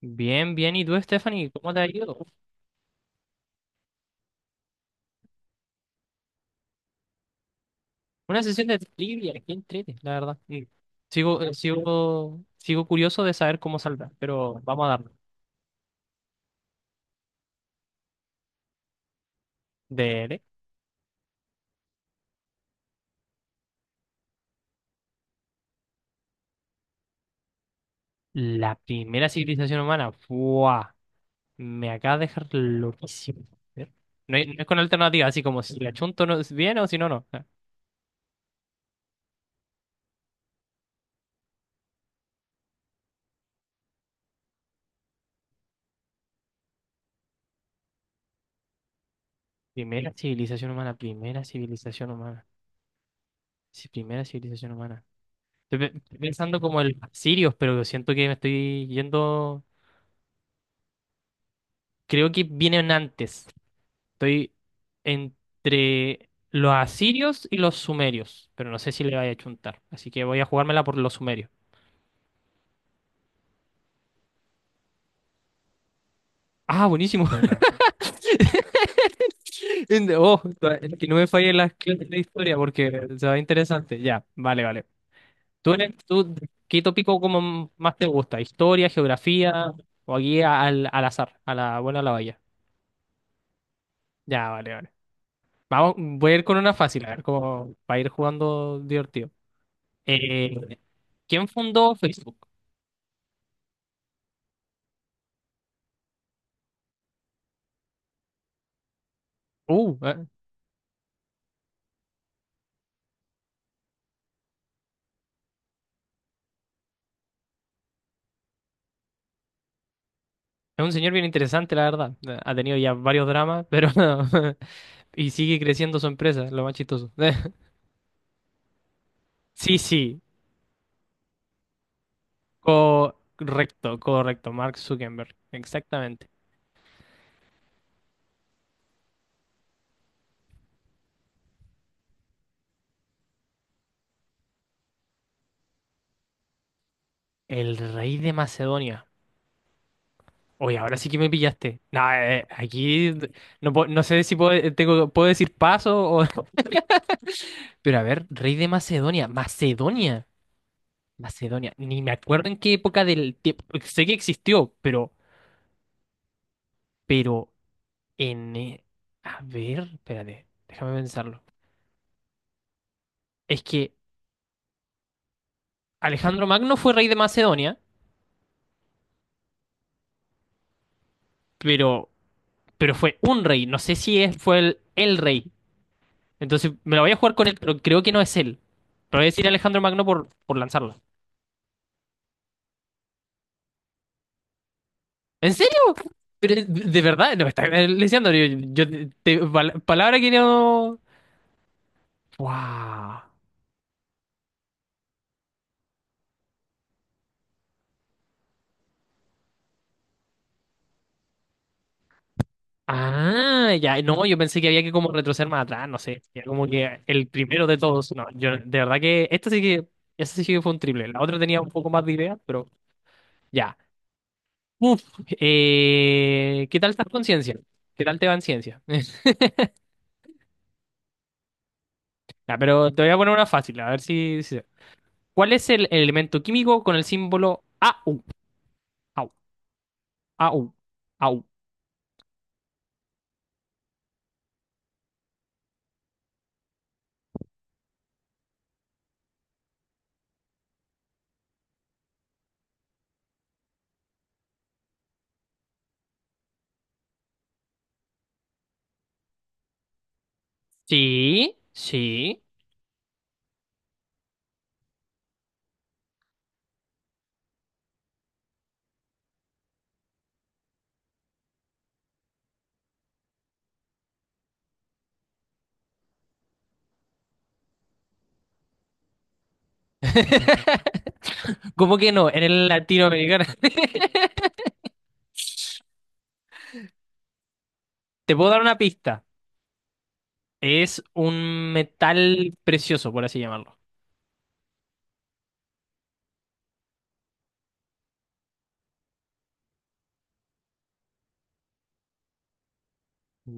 Bien, bien. ¿Y tú, Stephanie? ¿Cómo te ha ido? Una sesión de trivia, qué entrete, la verdad. Sigo curioso de saber cómo saldrá, pero vamos a darle. De la primera civilización humana. ¡Buah! Me acaba de dejar loquísimo. A ver. No, no es con alternativa, así como si la chunto no es bien o si no, no. Ah, primera civilización humana, primera civilización humana. Sí, primera civilización humana. Estoy pensando como el sirios, pero siento que me estoy yendo. Creo que vienen antes. Estoy entre los asirios y los sumerios, pero no sé si le vaya a chuntar. Así que voy a jugármela por los sumerios. Ah, buenísimo. Oh, que no me falle la clase de historia porque se va interesante. Ya, vale, vale. ¿Tú qué tópico como más te gusta? ¿Historia, geografía o aquí al azar, a la buena o la vaya? Ya, vale, vale. Vamos, voy a ir con una fácil, a ver cómo va a ir jugando divertido. Eh, ¿Quién fundó Facebook? Uh, eh, Es un señor bien interesante, la verdad. Ha tenido ya varios dramas, pero y sigue creciendo su empresa, lo más chistoso. Sí, sí, correcto, correcto, Mark Zuckerberg, exactamente. El rey de Macedonia. Oye, ahora sí que me pillaste. Nah, aquí no, no sé si puedo, puedo decir paso o… Pero a ver, rey de Macedonia, Macedonia, Macedonia. Ni me acuerdo en qué época del tiempo. Sé que existió, pero n a ver, espérate, déjame pensarlo. Es que Alejandro Magno fue rey de Macedonia, pero, pero fue un rey. No sé si fue el rey. Entonces me la voy a jugar con él, pero creo que no es él. Pero voy a decir Alejandro Magno por lanzarla. ¿En serio? Pero, de verdad, no me está leseando. Yo palabra que no. ¡Wow! Ah, ya, no, yo pensé que había que como retroceder más atrás, no sé, ya como que el primero de todos, no, yo de verdad que esta sí que, esta sí que fue un triple, la otra tenía un poco más de idea, pero ya. Uf, ¿qué tal estás con ciencia? ¿Qué tal te va en ciencia? Ya, pero te voy a poner una fácil, a ver ¿cuál es el elemento químico con el símbolo AU? AU, AU, AU. Sí, sí. ¿Cómo que no? En el latinoamericano. Te puedo dar una pista. Es un metal precioso, por así llamarlo.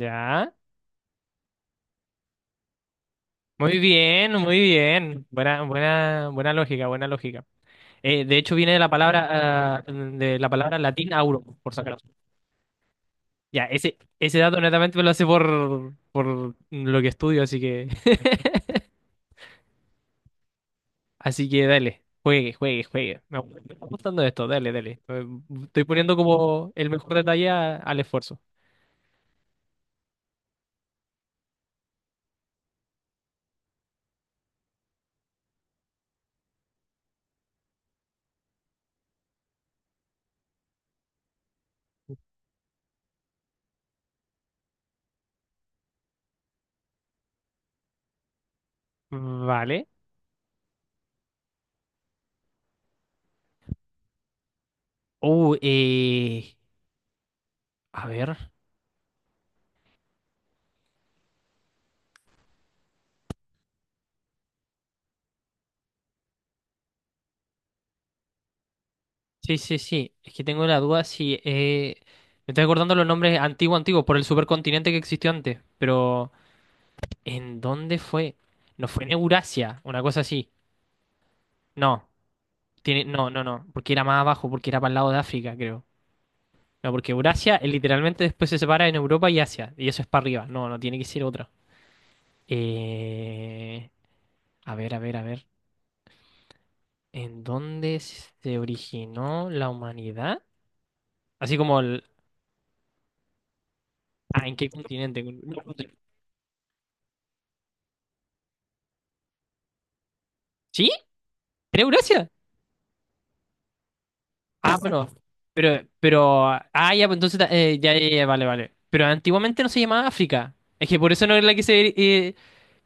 Ya. Muy bien, muy bien. Buena, buena, buena lógica, buena lógica. De hecho, viene de la palabra, de la palabra latín auro, por sacar. Ya, ese dato netamente me lo hace por lo que estudio, así que, así que dale. Juegue, juegue, juegue. Me está gustando esto, dale, dale. Estoy poniendo como el mejor detalle al esfuerzo. Vale. Uh, eh, a ver. Sí, sí, sí. Es que tengo la duda si… me estoy acordando los nombres antiguo por el supercontinente que existió antes. Pero… ¿En dónde fue? No fue en Eurasia, una cosa así. No. Tiene… No, no, no. Porque era más abajo, porque era para el lado de África, creo. No, porque Eurasia literalmente después se separa en Europa y Asia. Y eso es para arriba. No, no tiene que ser otra. Eh… A ver, a ver, a ver. ¿En dónde se originó la humanidad? Así como el… Ah, ¿en qué continente? No, ¿sí? ¿Era Eurasia? Ah, pero, ah, ya, pues entonces, ya, ya, ya, vale, vale. Pero antiguamente no se llamaba África. Es que por eso no era la que se,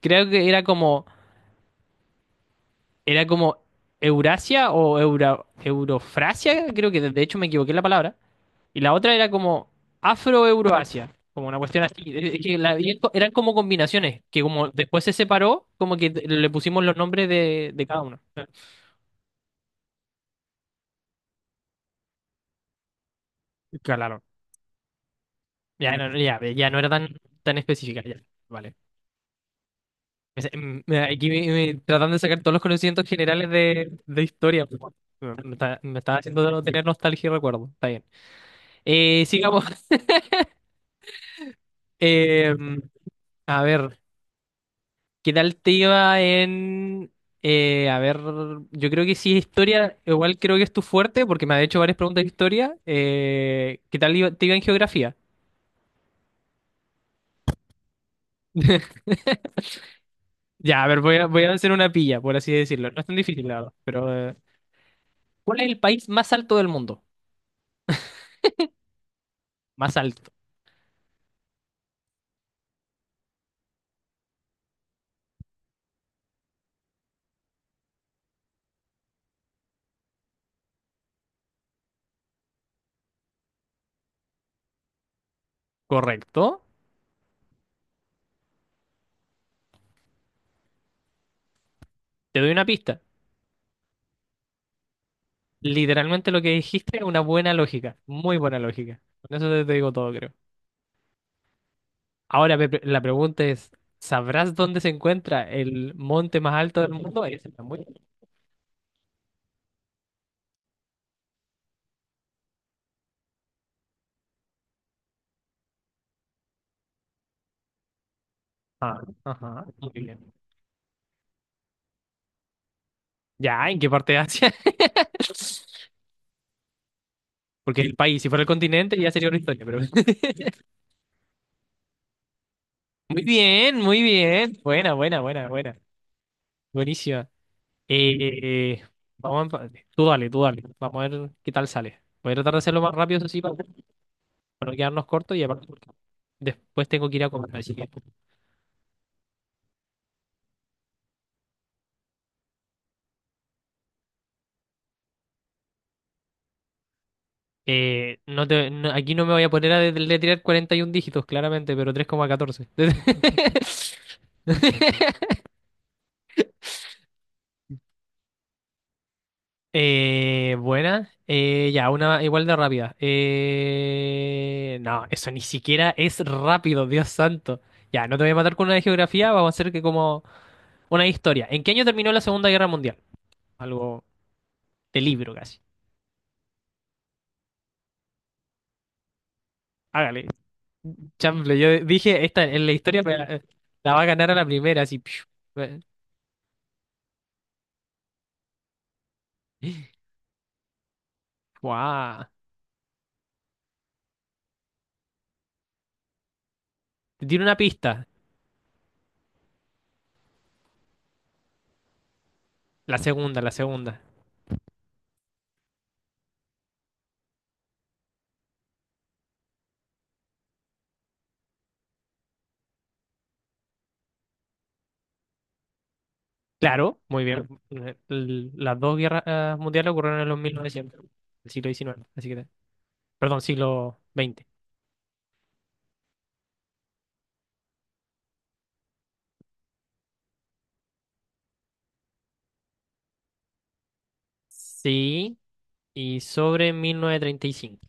creo que era como Eurasia o Eurofrasia, creo que de hecho me equivoqué en la palabra. Y la otra era como Afro-Euroasia, como una cuestión así. Es que eran como combinaciones, que como después se separó, como que le pusimos los nombres de cada uno. Claro. Ya no, ya, ya no era tan, tan específica, ya. Vale. Mira, aquí tratando de sacar todos los conocimientos generales de historia. Pues, bueno, me está, me está haciendo tener nostalgia y recuerdo. Está bien. Sigamos. Eh, a ver, ¿qué tal te iba en a ver, yo creo que sí, historia, igual creo que es tu fuerte, porque me ha hecho varias preguntas de historia. ¿Te iba en geografía? Ya, a ver, voy a hacer una pilla, por así decirlo. No es tan difícil, la verdad. Pero, ¿cuál es el país más alto del mundo? Más alto. Correcto. Te doy una pista. Literalmente lo que dijiste es una buena lógica, muy buena lógica. Con eso te digo todo, creo. Ahora Pepe, la pregunta es, ¿sabrás dónde se encuentra el monte más alto del mundo? Ahí está muy… bien. Ah, ajá, muy bien. Ya, ¿en qué parte de Asia? Porque el país, si fuera el continente, ya sería una historia, pero… Muy bien, muy bien. Buena, buena, buena, buena. Buenísima. Eh, eh, eh, vamos a empate. Tú dale, tú dale. Vamos a ver qué tal sale. Voy a tratar de hacerlo más rápido, eso sí, para no quedarnos cortos y aparte porque después tengo que ir a comer, así que… no te, no- aquí no me voy a poner a deletrear 41 dígitos, claramente, pero 3,14. Buena. Ya, una igual de rápida. No, eso ni siquiera es rápido, Dios santo. Ya, no te voy a matar con una de geografía, vamos a hacer que como una de historia. ¿En qué año terminó la Segunda Guerra Mundial? Algo de libro casi. Hágale, chanfle. Yo dije, esta en la historia la va a ganar a la primera, así. Piu. Eh. Guau. Te tiro una pista. La segunda, la segunda. Claro, muy bien. Las dos guerras mundiales ocurrieron en los 1900, el siglo XIX, así que, perdón, siglo XX. Sí, y sobre 1935.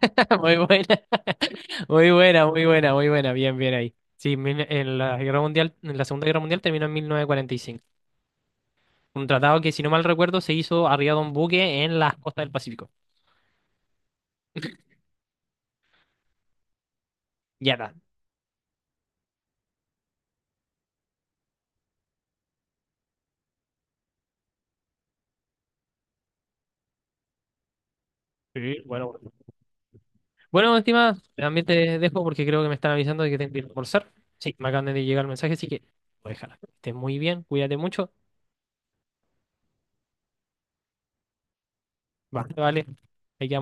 Muy buena, muy buena, muy buena, muy buena. Bien, bien ahí. Sí, en la guerra mundial, en la Segunda Guerra Mundial terminó en 1945. Un tratado que, si no mal recuerdo, se hizo arriba de un buque en las costas del Pacífico. Ya está. Sí, bueno. Bueno, estimada, también te dejo porque creo que me están avisando de que tengo que ir a almorzar. Sí, me acaban de llegar el mensaje, así que déjala. Que estés muy bien, cuídate mucho. Va, vale. Hay que